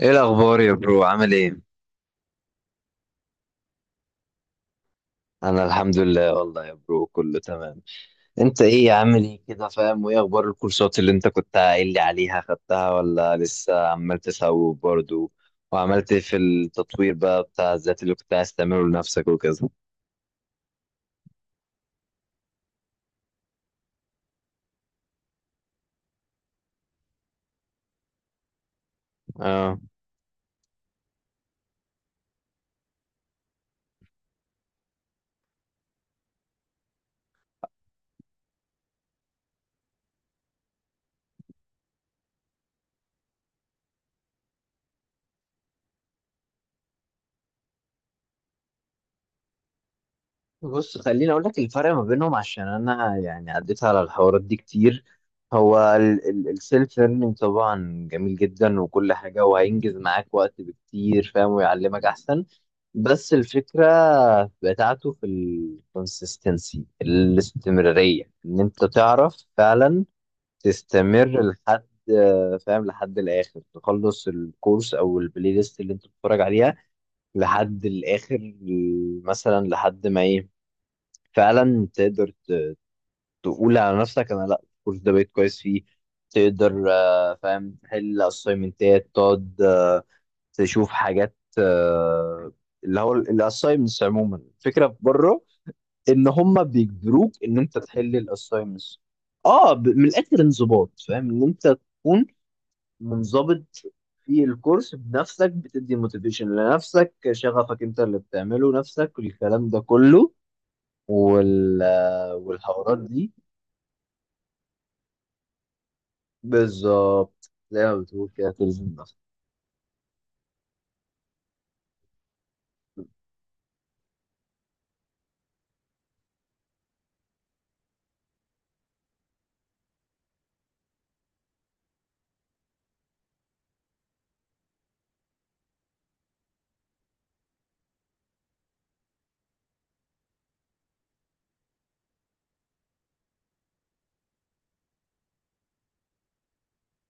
ايه الاخبار يا برو؟ عامل ايه؟ انا الحمد لله، والله يا برو، كله تمام. انت ايه عامل ايه كده فاهم؟ وايه اخبار الكورسات اللي انت كنت قايل لي عليها؟ خدتها ولا لسه عمال تسوق برضو؟ وعملت إيه في التطوير بقى بتاع الذات اللي كنت عايز تعمله لنفسك وكذا؟ اه، بص خليني اقول لك الفرق ما بينهم، عشان انا يعني عديت على الحوارات دي كتير. هو السيلف ليرنينج طبعا جميل جدا وكل حاجه، وهينجز معاك وقت بكتير فاهم، ويعلمك احسن. بس الفكره بتاعته في الكونسيستنسي، الاستمراريه، ان انت تعرف فعلا تستمر لحد فاهم، لحد الاخر، تخلص الكورس او البلاي ليست اللي انت بتتفرج عليها لحد الاخر، مثلا لحد ما ايه، فعلا تقدر تقول على نفسك انا، لا الكورس ده بقيت كويس فيه. تقدر فاهم تحل اسايمنتات، تقعد تشوف حاجات، اللي هو الاسايمنتس عموما، الفكره في بره ان هم بيجبروك ان انت تحل الاسايمنتس. اه، من الاخر انضباط فاهم، ان انت تكون منضبط في الكورس بنفسك، بتدي موتيفيشن لنفسك، شغفك انت اللي بتعمله نفسك، الكلام ده كله. وال والحوارات دي بالظبط زي ما بتقول كده، تلزم نفسك.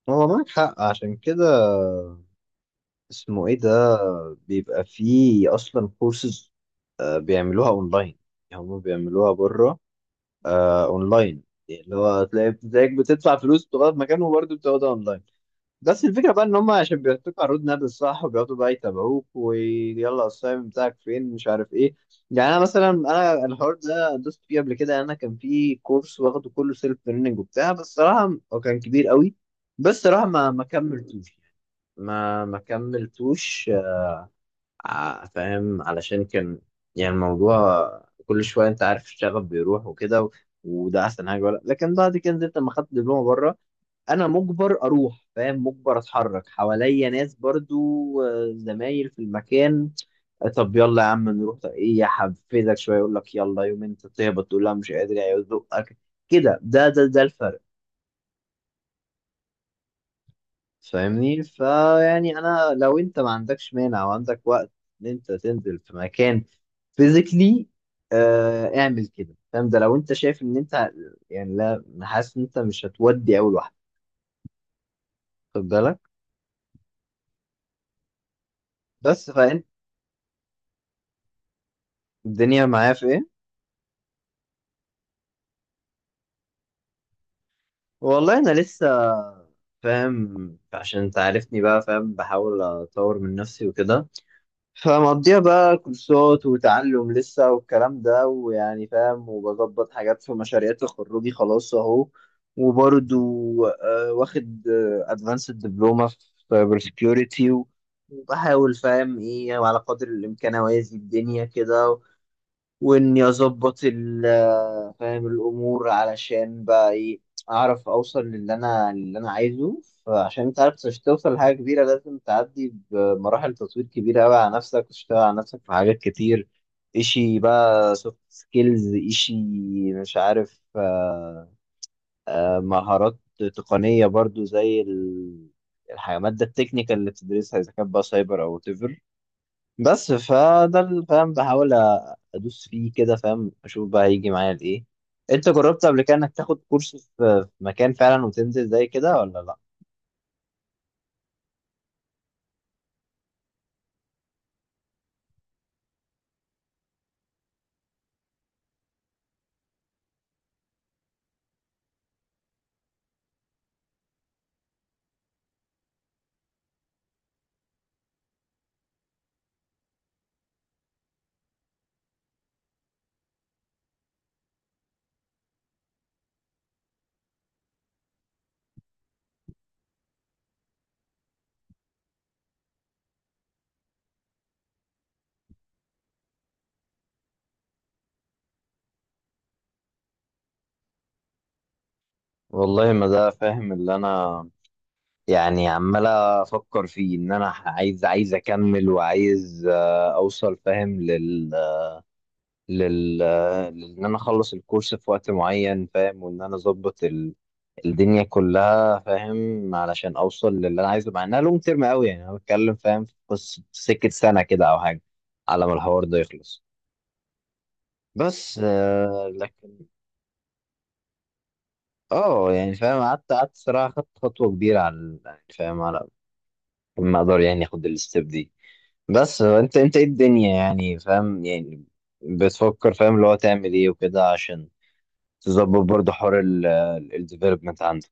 هو معاك حق، عشان كده اسمه ايه ده، بيبقى فيه اصلا كورسز بيعملوها اونلاين، يعني هم بيعملوها بره اونلاين، اللي هو تلاقي زيك بتدفع فلوس بتقعد في مكان وبرضه بتقعدها اونلاين. بس الفكرة بقى إن هم عشان بيعطوك الرود ماب الصح، وبيقعدوا بقى يتابعوك ويلا السايم بتاعك فين، مش عارف إيه. يعني أنا مثلا، أنا الحوار ده دوست فيه قبل كده، أنا كان في كورس واخده كله سيلف ليرنينج وبتاع، بس صراحة هو كان كبير قوي. بس صراحة ما كملتوش يعني. ما كملتوش، فاهم علشان كان يعني الموضوع، كل شوية أنت عارف الشغف بيروح وكده، وده أحسن حاجة ولا. لكن بعد كده نزلت لما خدت دبلومة بره، انا مجبر اروح فاهم، مجبر اتحرك حواليا ناس برضو، زمايل في المكان، طب يلا يا عم نروح، طب ايه، يحفزك شويه، يقول لك يلا، يوم انت تهبط تقول لا مش قادر يزقك كده. ده الفرق، فاهمني؟ فيعني انا لو انت ما عندكش مانع وعندك وقت ان انت تنزل في مكان فيزيكلي، آه اعمل كده فاهم. ده لو انت شايف ان انت يعني لا، حاسس ان انت مش هتودي اول واحده، خد بالك. بس فانت الدنيا معايا في ايه؟ والله انا لسه فاهم، عشان انت عارفني بقى فاهم، بحاول اطور من نفسي وكده، فمقضيها بقى كورسات وتعلم لسه والكلام ده ويعني فاهم، وبظبط حاجات في مشاريع تخرجي خلاص اهو. وبرضو واخد ادفانسد دبلومه في سايبر سكيورتي، وبحاول فاهم ايه على قدر الامكان اوازي الدنيا كده، واني اظبط فاهم الامور علشان بقى ايه، اعرف اوصل للي انا، اللي انا عايزه. فعشان انت عارف، عشان توصل لحاجه كبيره لازم تعدي بمراحل تطوير كبيره قوي على نفسك، وتشتغل على نفسك في حاجات كتير، اشي بقى سوفت سكيلز، اشي مش عارف مهارات تقنيه برضو، زي الماده التكنيكال اللي بتدرسها، اذا كانت بقى سايبر او whatever. بس فده فاهم بحاول ادوس فيه كده فاهم، اشوف بقى هيجي معايا لايه. انت جربت قبل كده انك تاخد كورس في، في مكان فعلا وتنزل زي كده ولا لا؟ والله ما ده فاهم اللي انا يعني عمال افكر فيه، ان انا عايز، عايز اكمل، وعايز اوصل فاهم لل لل ان انا اخلص الكورس في وقت معين فاهم، وان انا اظبط الدنيا كلها فاهم، علشان اوصل للي انا عايزه، مع انها لونج تيرم قوي يعني، انا بتكلم فاهم في قصه سكه سنه كده او حاجه، على ما الحوار ده يخلص. بس لكن اه يعني فاهم، قعدت صراحه خدت خطوه كبيره على يعني فاهم، على ما اقدر يعني اخد الستيب دي. بس انت ايه الدنيا يعني فاهم يعني، بتفكر فاهم اللي هو تعمل ايه وكده، عشان تظبط برضه حوار الديفلوبمنت عندك.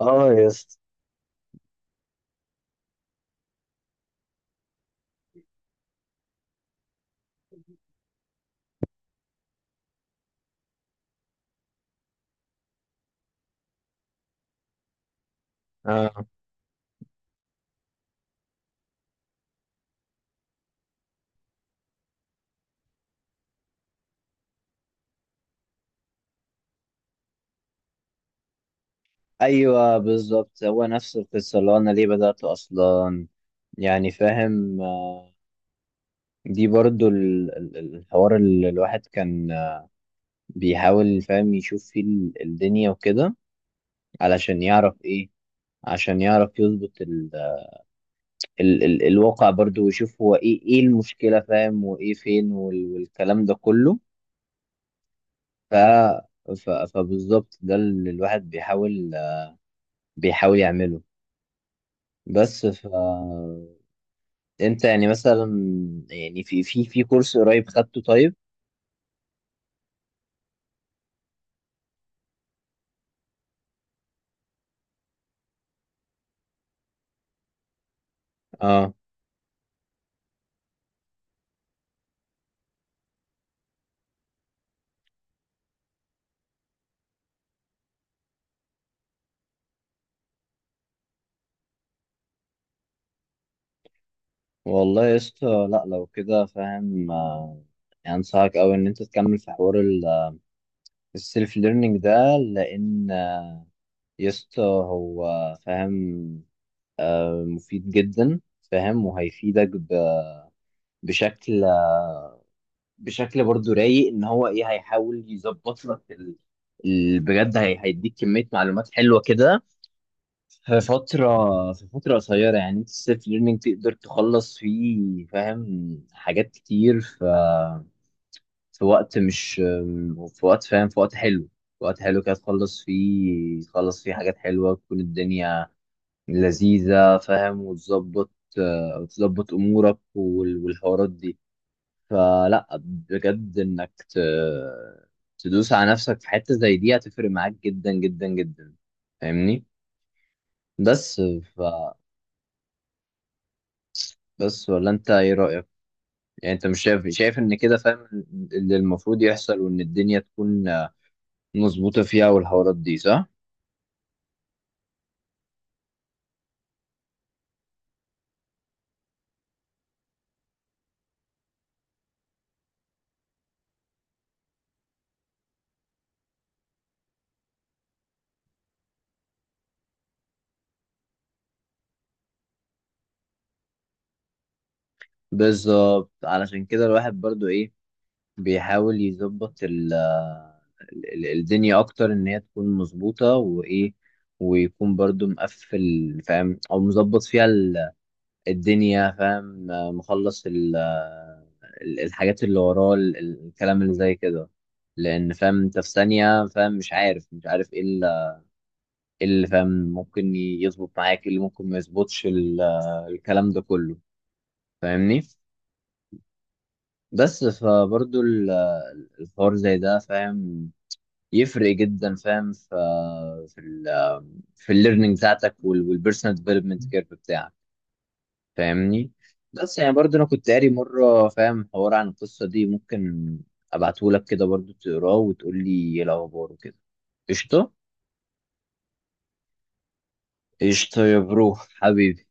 اه يا اسطى. اه، ايوه بالظبط، هو نفس القصه، اللي هو انا ليه بدات اصلا، يعني فاهم دي برضو الحوار اللي الواحد كان بيحاول فاهم يشوف فيه الدنيا وكده، علشان يعرف ايه، عشان يعرف يظبط ال ال ال الواقع برضو، ويشوف هو ايه، ايه المشكله فاهم، وايه فين والكلام ده كله. ف فبالظبط ده اللي الواحد بيحاول، يعمله. بس ف انت يعني مثلا، يعني في كورس قريب خدته طيب؟ اه، والله يا اسطى، لا لو كده فاهم يعني انصحك اوي ان انت تكمل في حوار السيلف ليرنينج ده. لان يا اسطى هو فاهم مفيد جدا فاهم، وهيفيدك بشكل بشكل برضو رايق، ان هو ايه، هيحاول يظبط لك بجد هيديك كمية معلومات حلوة كده في فترة، قصيرة، يعني انت السيلف ليرنينج تقدر تخلص فيه فاهم حاجات كتير في وقت مش في وقت فاهم في وقت حلو كده، تخلص فيه، حاجات حلوة، تكون الدنيا لذيذة فاهم، وتظبط أمورك والحوارات دي. فلا بجد، إنك تدوس على نفسك في حتة زي دي هتفرق معاك جدا جدا جدا، فاهمني؟ بس بس ولا، انت ايه رأيك؟ يعني انت مش شايف، ان كده فاهم اللي المفروض يحصل، وان الدنيا تكون مظبوطة فيها والحوارات دي صح؟ بالظبط، علشان كده الواحد برضو ايه، بيحاول يظبط الدنيا اكتر، ان هي تكون مظبوطة وايه، ويكون برضو مقفل فاهم، او مظبط فيها الدنيا فاهم مخلص الحاجات اللي وراه، الكلام اللي زي كده. لان فاهم انت في ثانيه فاهم مش عارف ايه إيه اللي فاهم ممكن يظبط معاك، إيه اللي ممكن ما يظبطش الكلام ده كله، فاهمني. بس فبرضو الحوار زي ده فاهم يفرق جدا فاهم في، في ال في الليرنينج بتاعتك، والبيرسونال ديفلوبمنت كيرف بتاعك، فاهمني. بس يعني برضه انا كنت قاري مره فاهم حوار عن القصه دي، ممكن ابعتهولك كده برضه تقراه وتقول لي ايه الاخبار وكده. قشطه. قشطه يا برو حبيبي.